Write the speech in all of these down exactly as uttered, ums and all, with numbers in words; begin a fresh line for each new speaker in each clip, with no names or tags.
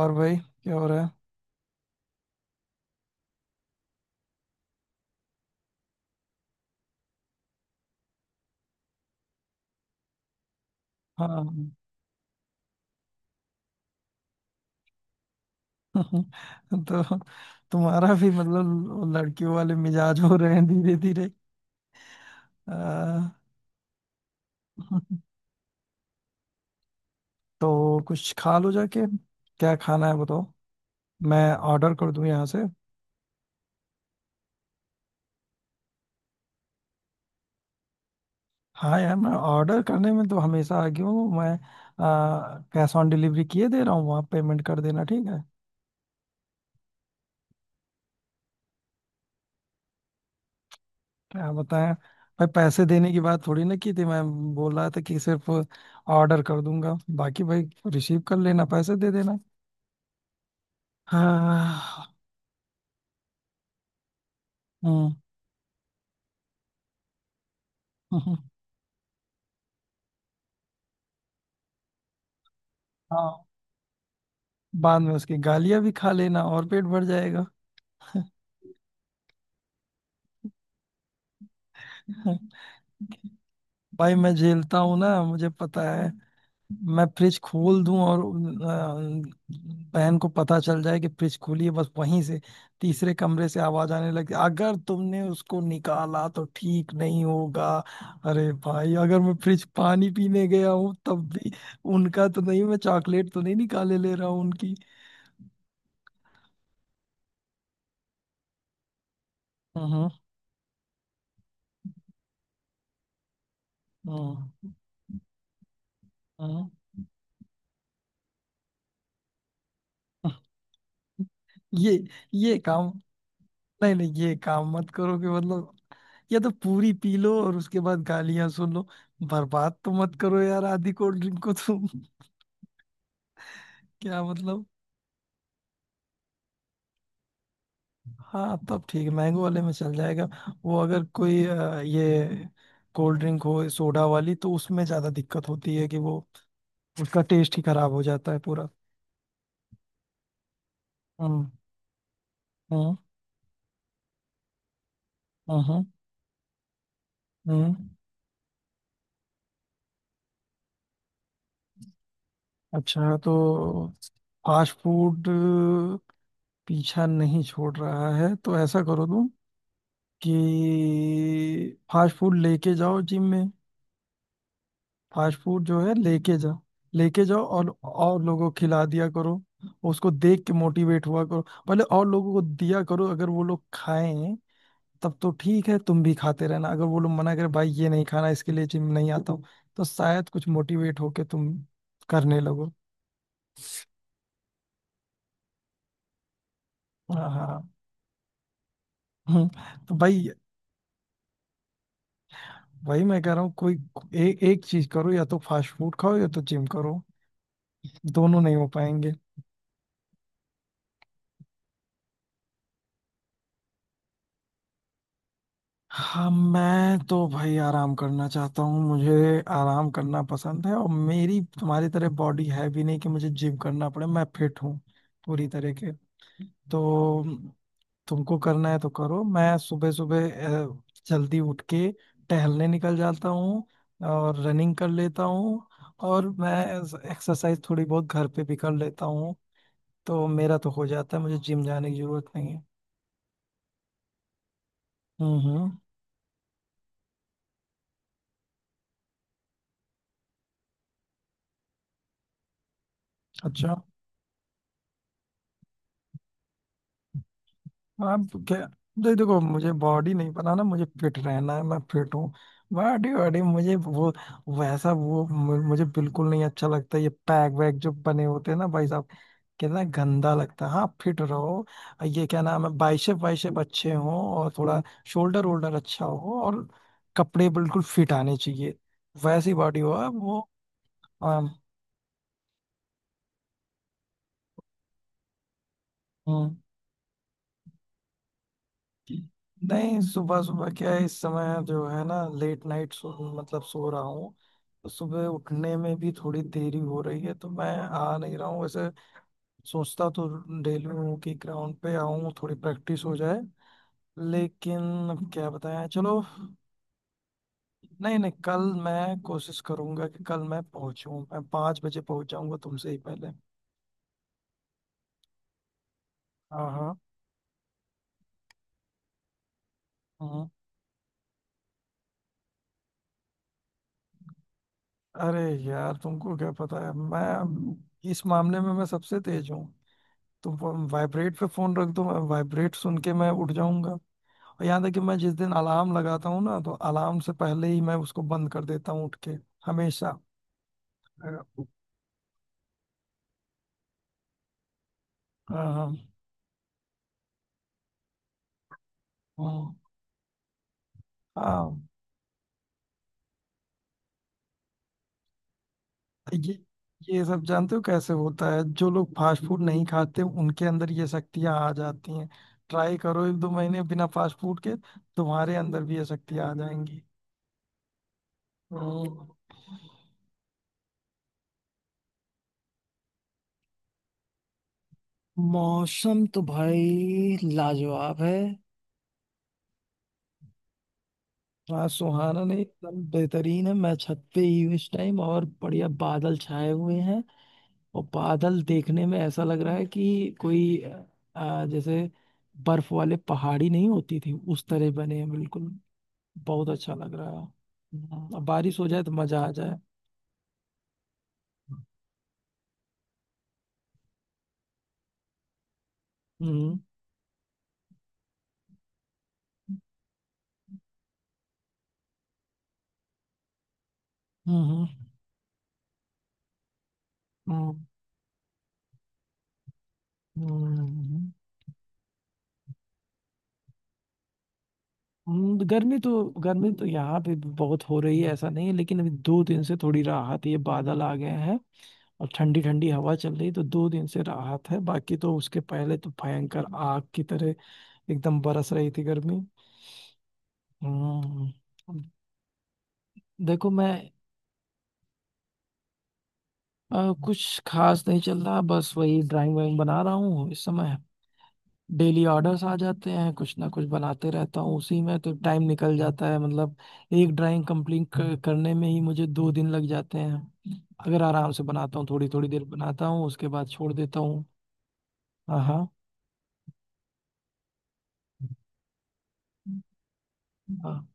और भाई क्या हो रहा है। हाँ। तो तुम्हारा भी मतलब लड़कियों वाले मिजाज हो रहे हैं धीरे धीरे। आ, तो कुछ खा लो जाके। क्या खाना है बताओ। मैं ऑर्डर कर दूं यहाँ से। हाँ यार मैं ऑर्डर करने में तो हमेशा आगे हूँ मैं। आ, कैश ऑन डिलीवरी किए दे रहा हूँ वहाँ पेमेंट कर देना ठीक है। क्या बताएं। भाई पैसे देने की बात थोड़ी ना की थी मैं बोल रहा था कि सिर्फ ऑर्डर कर दूंगा बाकी भाई रिसीव कर लेना पैसे दे देना। हाँ। हम्म। हम्म। हाँ। बाद में उसकी गालियां भी खा लेना और पेट भर जाएगा। भाई मैं झेलता हूँ ना मुझे पता है। मैं फ्रिज खोल दूं और अ, बहन को पता चल जाए कि फ्रिज खुली है बस वहीं से। तीसरे कमरे से आवाज आने लगी अगर तुमने उसको निकाला तो ठीक नहीं होगा। अरे भाई अगर मैं फ्रिज पानी पीने गया हूँ तब भी उनका तो नहीं मैं चॉकलेट तो नहीं निकाले ले रहा हूँ उनकी। हम्म। हम्म। हम्म। ये ये काम। नहीं नहीं ये काम मत करो कि मतलब। या तो पूरी पी लो और उसके बाद गालियां सुन लो। बर्बाद तो मत करो यार आधी कोल्ड ड्रिंक को तुम। क्या मतलब। हाँ तब ठीक है मैंगो वाले में चल जाएगा। वो अगर कोई अ, ये कोल्ड ड्रिंक हो सोडा वाली तो उसमें ज्यादा दिक्कत होती है कि वो उसका टेस्ट ही खराब हो जाता है पूरा। हम्म। हम्म। हम्म। हम्म। हम्म। अच्छा तो फास्ट फूड पीछा नहीं छोड़ रहा है तो ऐसा करो तुम कि फास्ट फूड लेके जाओ जिम में। फास्ट फूड जो है लेके जाओ। लेके जाओ और और लोगों को खिला दिया करो। उसको देख के मोटिवेट हुआ करो। पहले और लोगों को दिया करो अगर वो लोग खाएं तब तो ठीक है तुम भी खाते रहना अगर वो लोग मना करे भाई ये नहीं खाना इसके लिए जिम नहीं आता हूँ तो शायद कुछ मोटिवेट होके तुम करने लगो। हाँ हाँ हाँ। हम्म, तो भाई वही मैं कह रहा हूँ कोई ए, एक चीज करो या तो फास्ट फूड खाओ या तो जिम करो दोनों नहीं हो पाएंगे। हाँ मैं तो भाई आराम करना चाहता हूँ मुझे आराम करना पसंद है और मेरी तुम्हारी तरह बॉडी है भी नहीं कि मुझे जिम करना पड़े मैं फिट हूँ पूरी तरह के। तो तुमको करना है तो करो मैं सुबह सुबह अ, जल्दी उठ के टहलने निकल जाता हूँ और रनिंग कर लेता हूँ और मैं एक्सरसाइज थोड़ी बहुत घर पे भी कर लेता हूँ तो मेरा तो हो जाता है मुझे जिम जाने की जरूरत नहीं है। हम्म। हम्म। अच्छा आप क्या। नहीं देखो मुझे बॉडी नहीं पता ना मुझे फिट रहना है मैं फिट हूँ। बॉडी बॉडी मुझे वो वैसा वो मु- मुझे बिल्कुल नहीं अच्छा लगता ये पैक वैक जो बने होते हैं ना भाई साहब। कितना गंदा लगता है हाँ फिट रहो। ये क्या नाम है बाइसेप वाइसेप अच्छे हो और थोड़ा शोल्डर वोल्डर अच्छा हो और कपड़े बिल्कुल फिट आने चाहिए वैसी बॉडी हो आप, वो आ, नहीं सुबह सुबह क्या है इस समय जो है ना लेट नाइट सो मतलब सो रहा हूँ तो सुबह उठने में भी थोड़ी देरी हो रही है तो मैं आ नहीं रहा हूँ वैसे। सोचता तो डेली हूँ कि ग्राउंड पे आऊँ थोड़ी प्रैक्टिस हो जाए लेकिन अब क्या बताएं चलो। नहीं नहीं कल मैं कोशिश करूंगा कि कल मैं पहुंचूं मैं पाँच बजे पहुंच जाऊंगा तुमसे ही पहले। हाँ हाँ हाँ। अरे यार तुमको क्या पता है मैं इस मामले में मैं सबसे तेज हूँ। तो वाइब्रेट पे फोन रख दो वाइब्रेट सुन के मैं उठ जाऊंगा। और यहाँ तक कि मैं जिस दिन अलार्म लगाता हूँ ना तो अलार्म से पहले ही मैं उसको बंद कर देता हूँ उठ के हमेशा। हाँ हाँ हाँ हाँ, ये ये सब जानते हो कैसे होता है जो लोग फास्ट फूड नहीं खाते उनके अंदर ये शक्तियाँ आ जाती हैं। ट्राई करो एक दो महीने बिना फास्ट फूड के तुम्हारे अंदर भी ये शक्तियाँ आ जाएंगी। हम्म। मौसम तो भाई लाजवाब है। हाँ सुहाना नहीं एकदम बेहतरीन है मैं छत पे ही हूँ इस टाइम और बढ़िया बादल छाए हुए हैं। और बादल देखने में ऐसा लग रहा है कि कोई आ, जैसे बर्फ वाले पहाड़ी नहीं होती थी उस तरह बने हैं बिल्कुल। बहुत अच्छा लग रहा है हम्म, अब बारिश हो जाए तो मजा आ जाए। हम्म। हम्म। हम्म। हम्म। हम्म, गर्मी तो गर्मी तो यहाँ पे भी बहुत हो रही है ऐसा नहीं है लेकिन अभी दो दिन से थोड़ी राहत ये बादल आ गए हैं। और ठंडी ठंडी हवा चल रही तो दो दिन से राहत है बाकी तो उसके पहले तो भयंकर आग की तरह एकदम बरस रही थी गर्मी। हम्म, देखो मैं अ, कुछ खास नहीं चल रहा बस वही ड्राइंग वाइंग बना रहा हूँ इस समय। डेली ऑर्डर्स आ जाते हैं कुछ ना कुछ बनाते रहता हूँ उसी में तो टाइम निकल जाता है मतलब। एक ड्राइंग कंप्लीट कर, करने में ही मुझे दो दिन लग जाते हैं। अगर आराम से बनाता हूँ थोड़ी थोड़ी देर बनाता हूँ उसके बाद छोड़ देता हूँ। हाँ हाँ हाँ।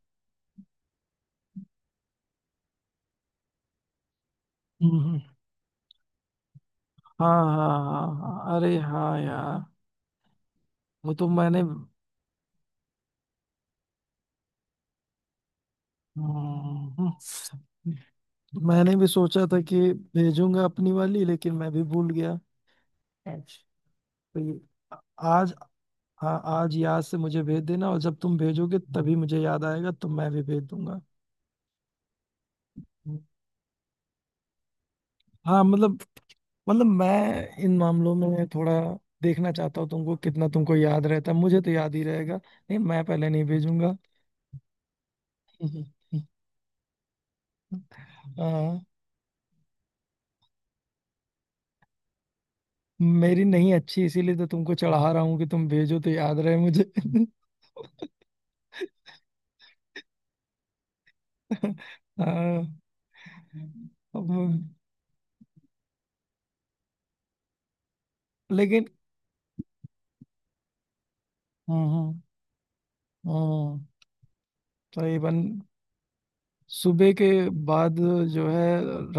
हम्म। हम्म। हाँ हाँ हाँ हाँ, अरे हाँ यार। वो तो मैंने। हम्म। मैंने भी सोचा था कि भेजूंगा अपनी वाली लेकिन मैं भी भूल गया। तो ये- आज। हाँ आज याद से मुझे भेज देना और जब तुम भेजोगे तभी मुझे याद आएगा तो मैं भी भेज दूंगा। हाँ मतलब। मतलब मैं इन मामलों में थोड़ा देखना चाहता हूँ तुमको कितना तुमको याद रहता है मुझे तो याद ही रहेगा नहीं मैं पहले नहीं भेजूंगा। हाँ मेरी नहीं अच्छी इसीलिए तो तुमको चढ़ा रहा हूँ कि तुम भेजो तो याद रहे मुझे। हाँ, अब- लेकिन हम्म हम्म तकरीबन सुबह के बाद जो है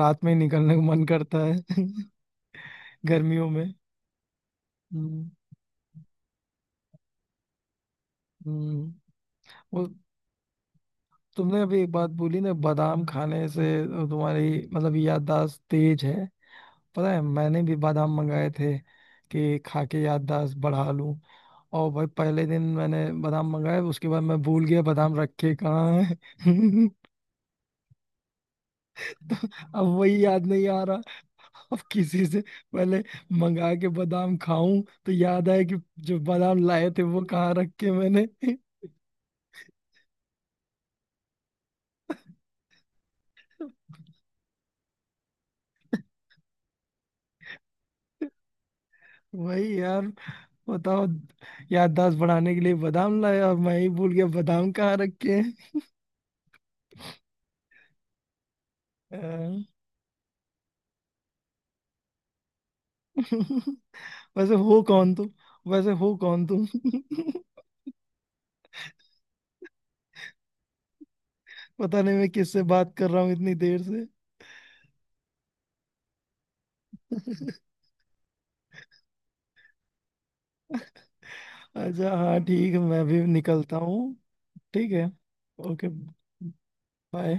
रात में ही निकलने का मन करता है। गर्मियों में। हम्म। हम्म। वो तुमने अभी एक बात बोली ना बादाम खाने से तुम्हारी मतलब याददाश्त तेज है। पता है मैंने भी बादाम मंगाए थे कि खा के याददाश्त बढ़ा। और भाई पहले दिन मैंने बादाम मंगाए उसके बाद मैं भूल गया बादाम रखे कहाँ है। अब वही याद नहीं आ रहा। अब किसी से पहले मंगा के बादाम खाऊं तो याद आए कि जो बादाम लाए थे वो कहाँ रखे मैंने। वही यार बताओ याददाश्त बढ़ाने के लिए बादाम लाए और मैं ही भूल गया बादाम कहाँ रखे हैं। अ, वैसे हो कौन तुम। वैसे हो कौन तुम। पता नहीं मैं किससे बात कर रहा हूँ इतनी देर से। अच्छा हाँ ठीक है मैं भी निकलता हूँ। ठीक है। ओके। बाय